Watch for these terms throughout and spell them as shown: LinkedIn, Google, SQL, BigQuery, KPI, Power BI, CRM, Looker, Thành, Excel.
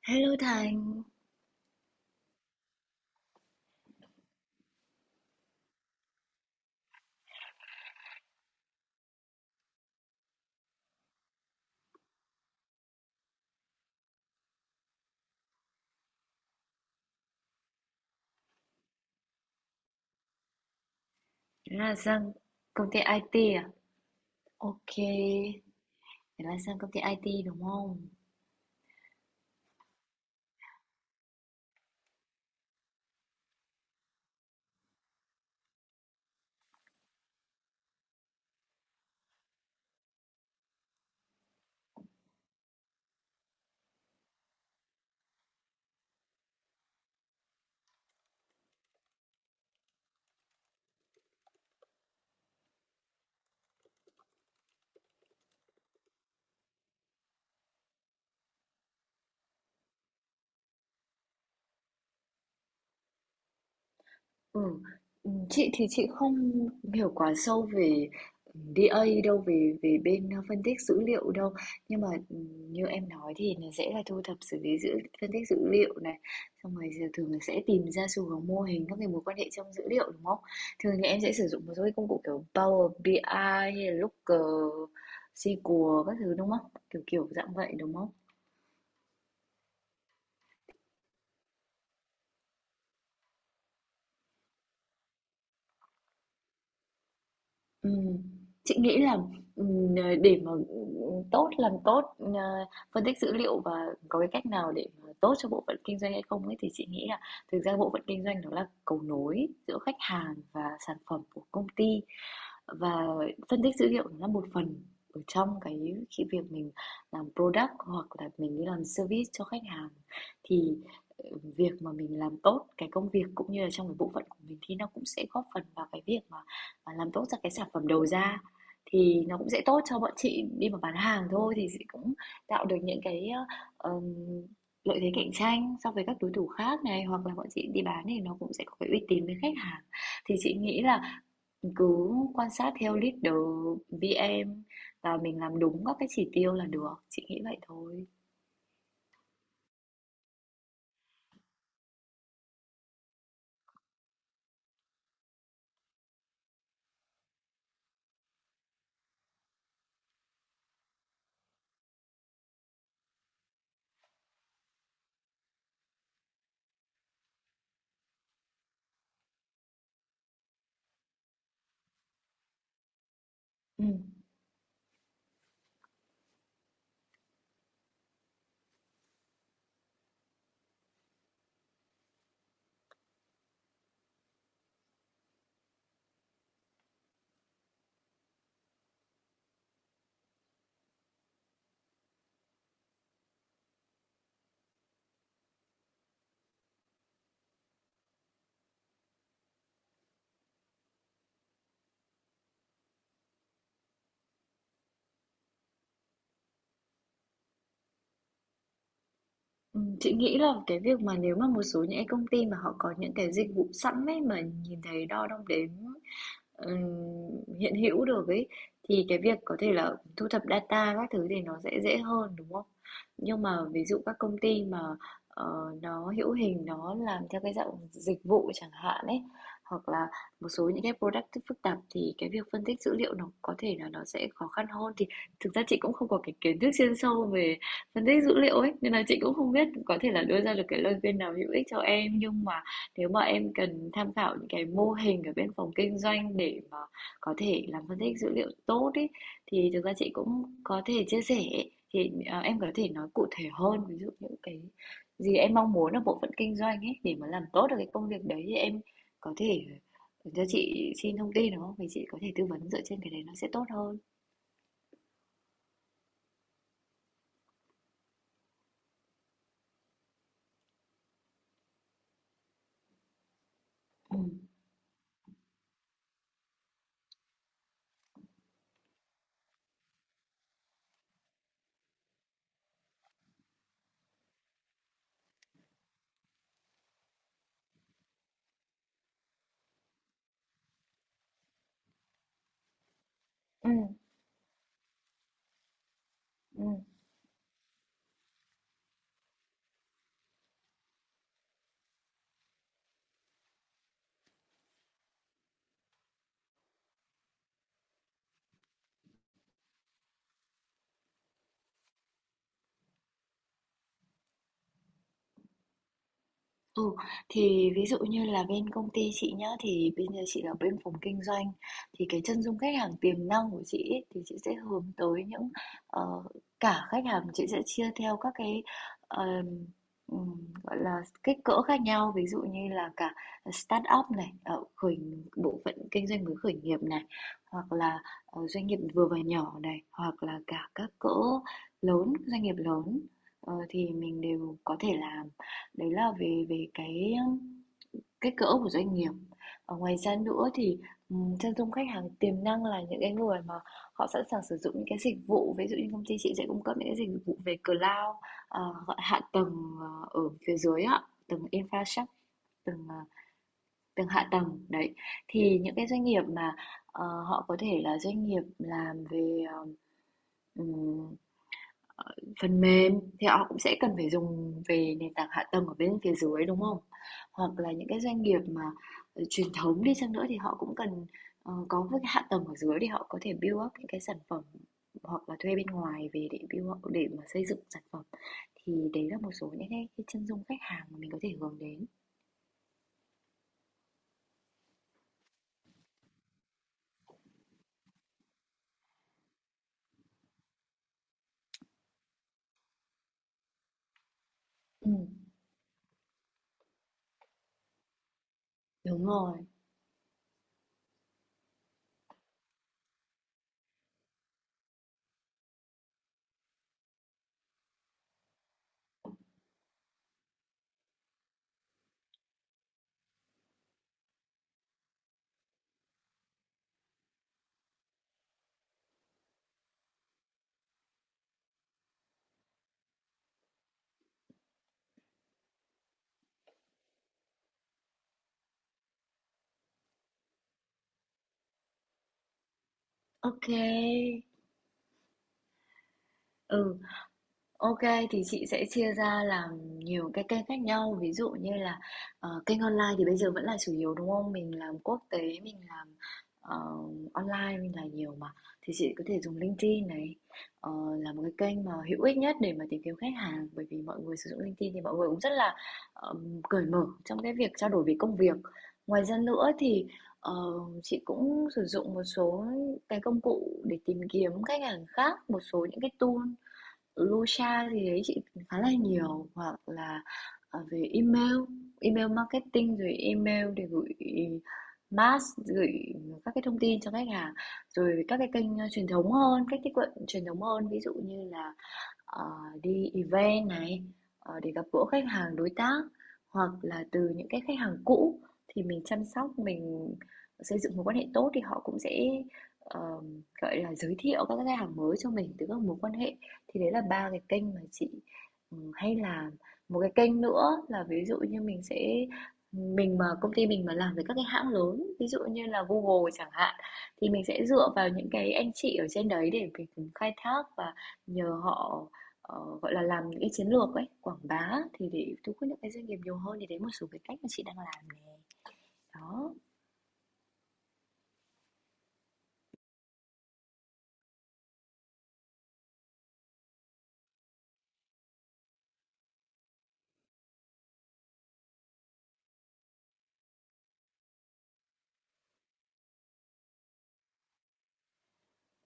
Hello Thành, thế là sang công ty IT à? Ok, thế là sang công ty IT đúng không? Ừ. Ừ, chị thì chị không hiểu quá sâu về DA đâu, về về bên phân tích dữ liệu đâu, nhưng mà như em nói thì nó sẽ là thu thập xử lý phân tích dữ liệu này, xong rồi giờ thường là sẽ tìm ra xu hướng, mô hình, các cái mối quan hệ trong dữ liệu, đúng không? Thường thì em sẽ sử dụng một số cái công cụ kiểu Power BI ai hay là Looker, SQL các thứ, đúng không? Kiểu kiểu dạng vậy, đúng không? Ừm, chị nghĩ là, để mà, làm tốt, phân tích dữ liệu và có cái cách nào để mà tốt cho bộ phận kinh doanh hay không ấy, thì chị nghĩ là thực ra bộ phận kinh doanh đó là cầu nối giữa khách hàng và sản phẩm của công ty, và phân tích dữ liệu nó là một phần ở trong cái khi việc mình làm product hoặc là mình đi làm service cho khách hàng thì ờ, việc mà mình làm tốt cái công việc cũng như là trong cái bộ phận của mình thì nó cũng sẽ góp phần vào cái việc mà làm tốt ra cái sản phẩm đầu ra, thì nó cũng sẽ tốt cho bọn chị đi mà bán hàng thôi, thì sẽ cũng tạo được những cái ờ, lợi thế cạnh tranh so với các đối thủ khác này, hoặc là bọn chị đi bán thì nó cũng sẽ có cái uy tín với khách hàng. Thì chị nghĩ là mình cứ quan sát theo leader VM và mình làm đúng các cái chỉ tiêu là được. Chị nghĩ vậy thôi. Ừ. Ừ, chị nghĩ là cái việc mà nếu mà một số những cái công ty mà họ có những cái dịch vụ sẵn ấy mà nhìn thấy, đo, đong đếm, ừm, hiện hữu được ấy, thì cái việc có thể là thu thập data các thứ thì nó sẽ dễ hơn, đúng không? Nhưng mà ví dụ các công ty mà ờ, nó hữu hình, nó làm theo cái dạng dịch vụ chẳng hạn ấy, hoặc là một số những cái product phức tạp thì cái việc phân tích dữ liệu nó có thể là nó sẽ khó khăn hơn. Thì thực ra chị cũng không có cái kiến thức chuyên sâu về phân tích dữ liệu ấy, nên là chị cũng không biết có thể là đưa ra được cái lời khuyên nào hữu ích cho em, nhưng mà nếu mà em cần tham khảo những cái mô hình ở bên phòng kinh doanh để mà có thể làm phân tích dữ liệu tốt ý, thì thực ra chị cũng có thể chia sẻ. Thì à, em có thể nói cụ thể hơn ví dụ những cái gì em mong muốn ở bộ phận kinh doanh ấy để mà làm tốt được cái công việc đấy thì em có thể cho chị xin thông tin, đúng không? Thì chị có thể tư vấn dựa trên cái đấy, nó sẽ tốt hơn. Ừ. Ừ. Ừ. Ừ, thì ví dụ như là bên công ty chị nhá, thì bây giờ chị ở bên phòng kinh doanh thì cái chân dung khách hàng tiềm năng của chị ấy, thì chị sẽ hướng tới những ờ, cả khách hàng, chị sẽ chia theo các cái ờm, gọi là kích cỡ khác nhau, ví dụ như là cả start up này, ờ, khởi bộ phận kinh doanh mới khởi nghiệp này, hoặc là doanh nghiệp vừa và nhỏ này, hoặc là cả các cỡ lớn, doanh nghiệp lớn. Ờ, thì mình đều có thể làm. Đấy là về về cái, kích cỡ của doanh nghiệp. Ờ, ngoài ra nữa thì, chân dung khách hàng tiềm năng là những cái người mà họ sẵn sàng sử dụng những cái dịch vụ, ví dụ như công ty chị sẽ cung cấp những cái dịch vụ về cloud, gọi hạ tầng, ở phía dưới á, tầng infrastruct tầng, tầng hạ tầng, đấy. Thì những cái doanh nghiệp mà, họ có thể là doanh nghiệp làm về, ừm phần mềm, thì họ cũng sẽ cần phải dùng về nền tảng hạ tầng ở bên phía dưới, đúng không? Hoặc là những cái doanh nghiệp mà, truyền thống đi chăng nữa thì họ cũng cần, có một cái hạ tầng ở dưới để họ có thể build up những cái sản phẩm, hoặc là thuê bên ngoài về để build up để mà xây dựng sản phẩm. Thì đấy là một số những cái chân dung khách hàng mà mình có thể hướng đến. Ừm, đúng rồi. Ok. Ừ. OK, thì chị sẽ chia ra làm nhiều cái kênh khác nhau. Ví dụ như là kênh online thì bây giờ vẫn là chủ yếu, đúng không? Mình làm quốc tế, mình làm ờ, online, mình là nhiều mà. Thì chị có thể dùng LinkedIn này, ờ, là một cái kênh mà hữu ích nhất để mà tìm kiếm khách hàng. Bởi vì mọi người sử dụng LinkedIn thì mọi người cũng rất là cởi mở trong cái việc trao đổi về công việc. Ngoài ra nữa thì ờ, chị cũng sử dụng một số cái công cụ để tìm kiếm khách hàng khác, một số những cái tool Lucha thì thấy chị khá là nhiều, hoặc là về email, email marketing, rồi email để gửi mass, gửi các cái thông tin cho khách hàng, rồi các cái kênh truyền thống hơn, cách tiếp cận truyền thống hơn, ví dụ như là ờ, đi event này, để gặp gỡ khách hàng đối tác, hoặc là từ những cái khách hàng cũ thì mình chăm sóc, mình xây dựng mối quan hệ tốt thì họ cũng sẽ ờ, gọi là giới thiệu các khách hàng mới cho mình từ các mối quan hệ. Thì đấy là 3 cái kênh mà chị hay làm. Một cái kênh nữa là ví dụ như mình mà công ty mình mà làm với các cái hãng lớn ví dụ như là Google chẳng hạn thì mình sẽ dựa vào những cái anh chị ở trên đấy để mình khai thác và nhờ họ gọi là làm những cái chiến lược ấy, quảng bá thì để thu hút những cái doanh nghiệp nhiều hơn. Thì đấy một số cái cách mà chị đang làm này. Đó.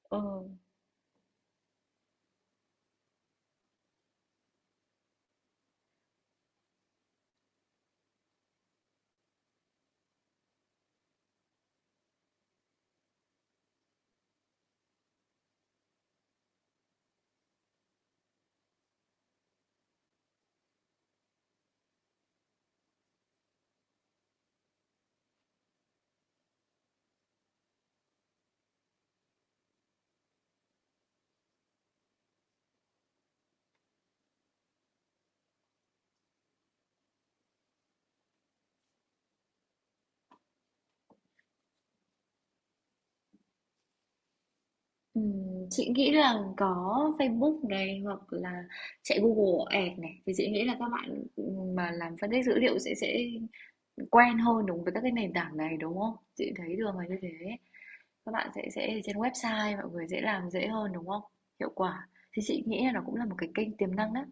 ờ, chị nghĩ là có Facebook này, hoặc là chạy Google Ads này thì chị nghĩ là các bạn mà làm phân tích dữ liệu sẽ quen hơn, đúng với các cái nền tảng này, đúng không? Chị thấy thường là như thế. Các bạn sẽ trên website mọi người dễ làm, dễ hơn, đúng không? Hiệu quả. Thì chị nghĩ là nó cũng là một cái kênh tiềm năng đấy.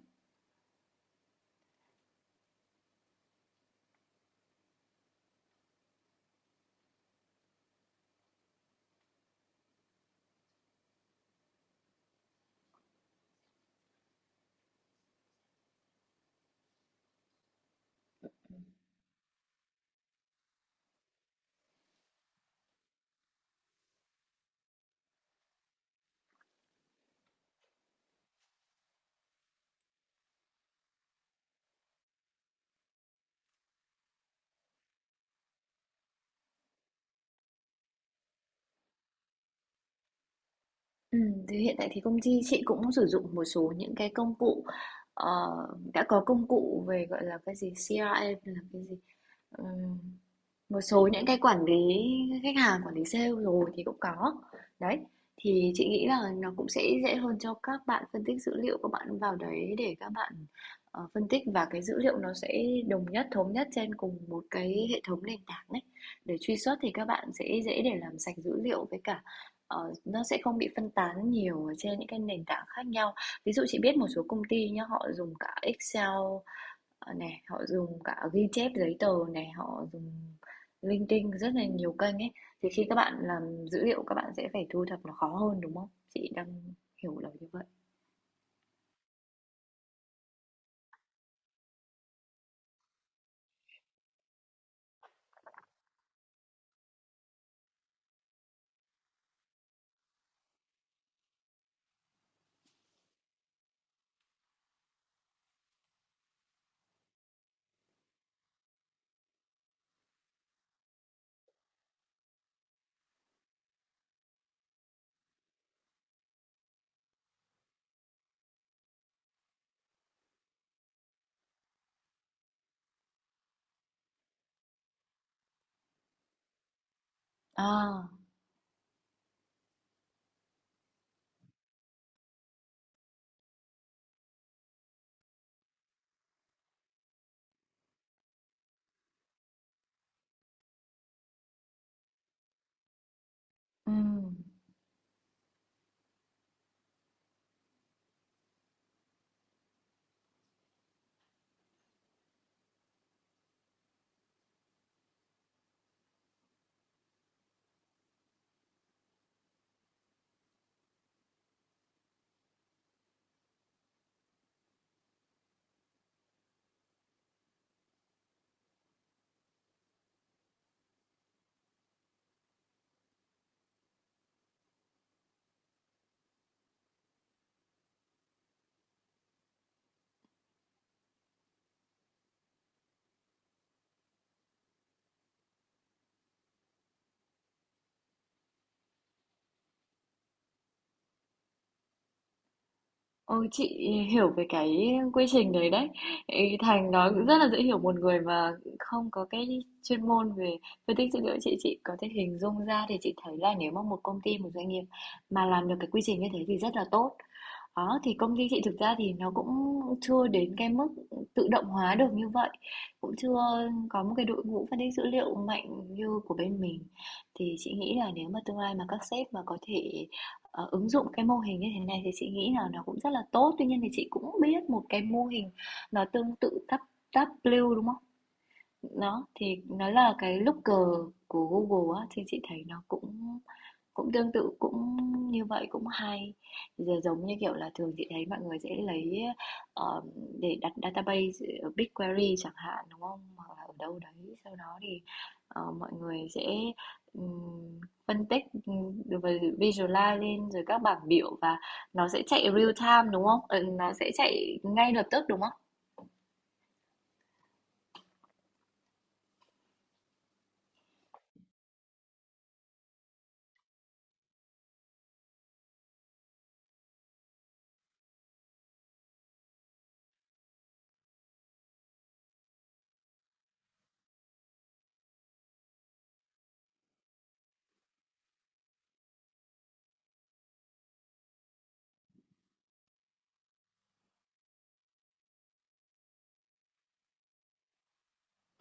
Thì hiện tại thì công ty chị cũng sử dụng một số những cái công cụ, ờ, đã có công cụ về, gọi là, cái gì, CRM, hay là cái gì? Một số những cái quản lý khách hàng, quản lý sale rồi thì cũng có. Đấy, thì chị nghĩ là nó cũng sẽ dễ hơn cho các bạn phân tích dữ liệu, các bạn vào đấy để các bạn phân tích, và cái dữ liệu nó sẽ đồng nhất, thống nhất trên cùng một cái hệ thống nền tảng đấy. Để truy xuất thì các bạn sẽ dễ để làm sạch dữ liệu với cả, nó sẽ không bị phân tán nhiều ở trên những cái nền tảng khác nhau. Ví dụ chị biết một số công ty nhá, họ dùng cả Excel, ờ, này, họ dùng cả ghi chép giấy tờ này, họ dùng linh tinh rất là nhiều kênh ấy. Thì khi các bạn làm dữ liệu các bạn sẽ phải thu thập nó khó hơn, đúng không? Chị đang hiểu là như vậy. À. Ừm. Ôi chị hiểu về cái quy trình đấy đấy. Ý, Thành nói cũng rất là dễ hiểu, một người mà không có cái chuyên môn về phân tích dữ liệu chị có thể hình dung ra. Thì chị thấy là nếu mà một công ty, một doanh nghiệp mà làm được cái quy trình như thế thì rất là tốt. Đó, thì công ty chị thực ra thì nó cũng chưa đến cái mức tự động hóa được như vậy, cũng chưa có một cái đội ngũ phân tích dữ liệu mạnh như của bên mình. Thì chị nghĩ là nếu mà tương lai mà các sếp mà có thể ứng dụng cái mô hình như thế này thì chị nghĩ là nó cũng rất là tốt. Tuy nhiên thì chị cũng biết một cái mô hình nó tương tự Tab Tab, đúng không? Đó, thì nó là cái looker của Google á, thì chị thấy nó cũng cũng tương tự, cũng như vậy cũng hay. Giờ giống như, kiểu là, thường chị thấy mọi người sẽ lấy, ờ, để đặt database ở BigQuery chẳng hạn, đúng không? Hoặc là ở đâu đấy, sau đó thì mọi người sẽ ừm, phân tích, rồi visualize lên rồi các bảng biểu, và nó sẽ chạy real time, đúng không? Ừ, nó sẽ chạy ngay lập tức, đúng không?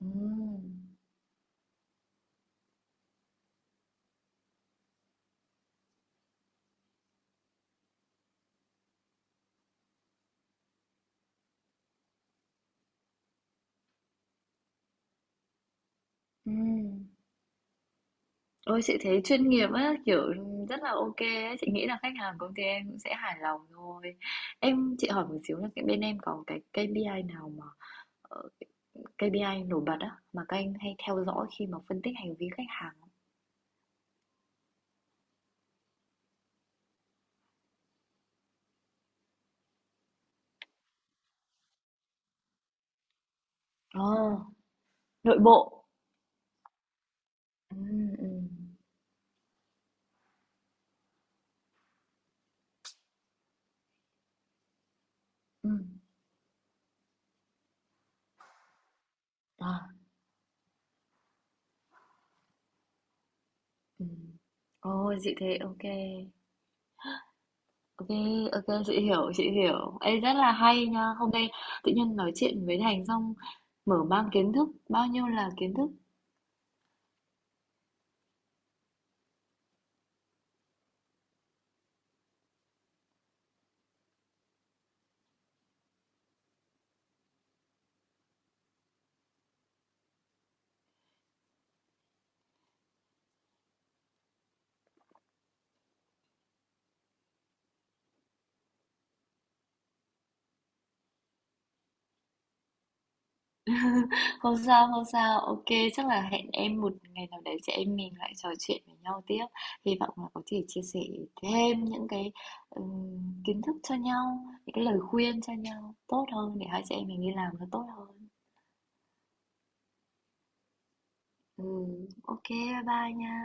Ừm. Ừm. Ôi chị thấy chuyên nghiệp á, kiểu rất là ok á, chị nghĩ là khách hàng công ty em cũng sẽ hài lòng thôi. Em, chị hỏi một xíu là cái bên em có cái KPI nào mà ờ, KPI nổi bật á mà các anh hay theo dõi khi mà phân tích hành vi khách hàng không? Ờ, nội bộ. Ừ, ừ, ừ. À, ừ. Ôi chị thấy ok. Ok, ok, chị hiểu, chị hiểu. Ê rất là hay nha. Hôm nay tự nhiên nói chuyện với Thành xong mở mang kiến thức, bao nhiêu là kiến thức. Không sao, không sao. Ok, chắc là hẹn em một ngày nào đấy chị em mình lại trò chuyện với nhau tiếp. Hy vọng là có thể chia sẻ thêm những cái kiến thức cho nhau, những cái lời khuyên cho nhau tốt hơn để hai chị em mình đi làm nó tốt hơn. Ừ, ô, bye bye nha.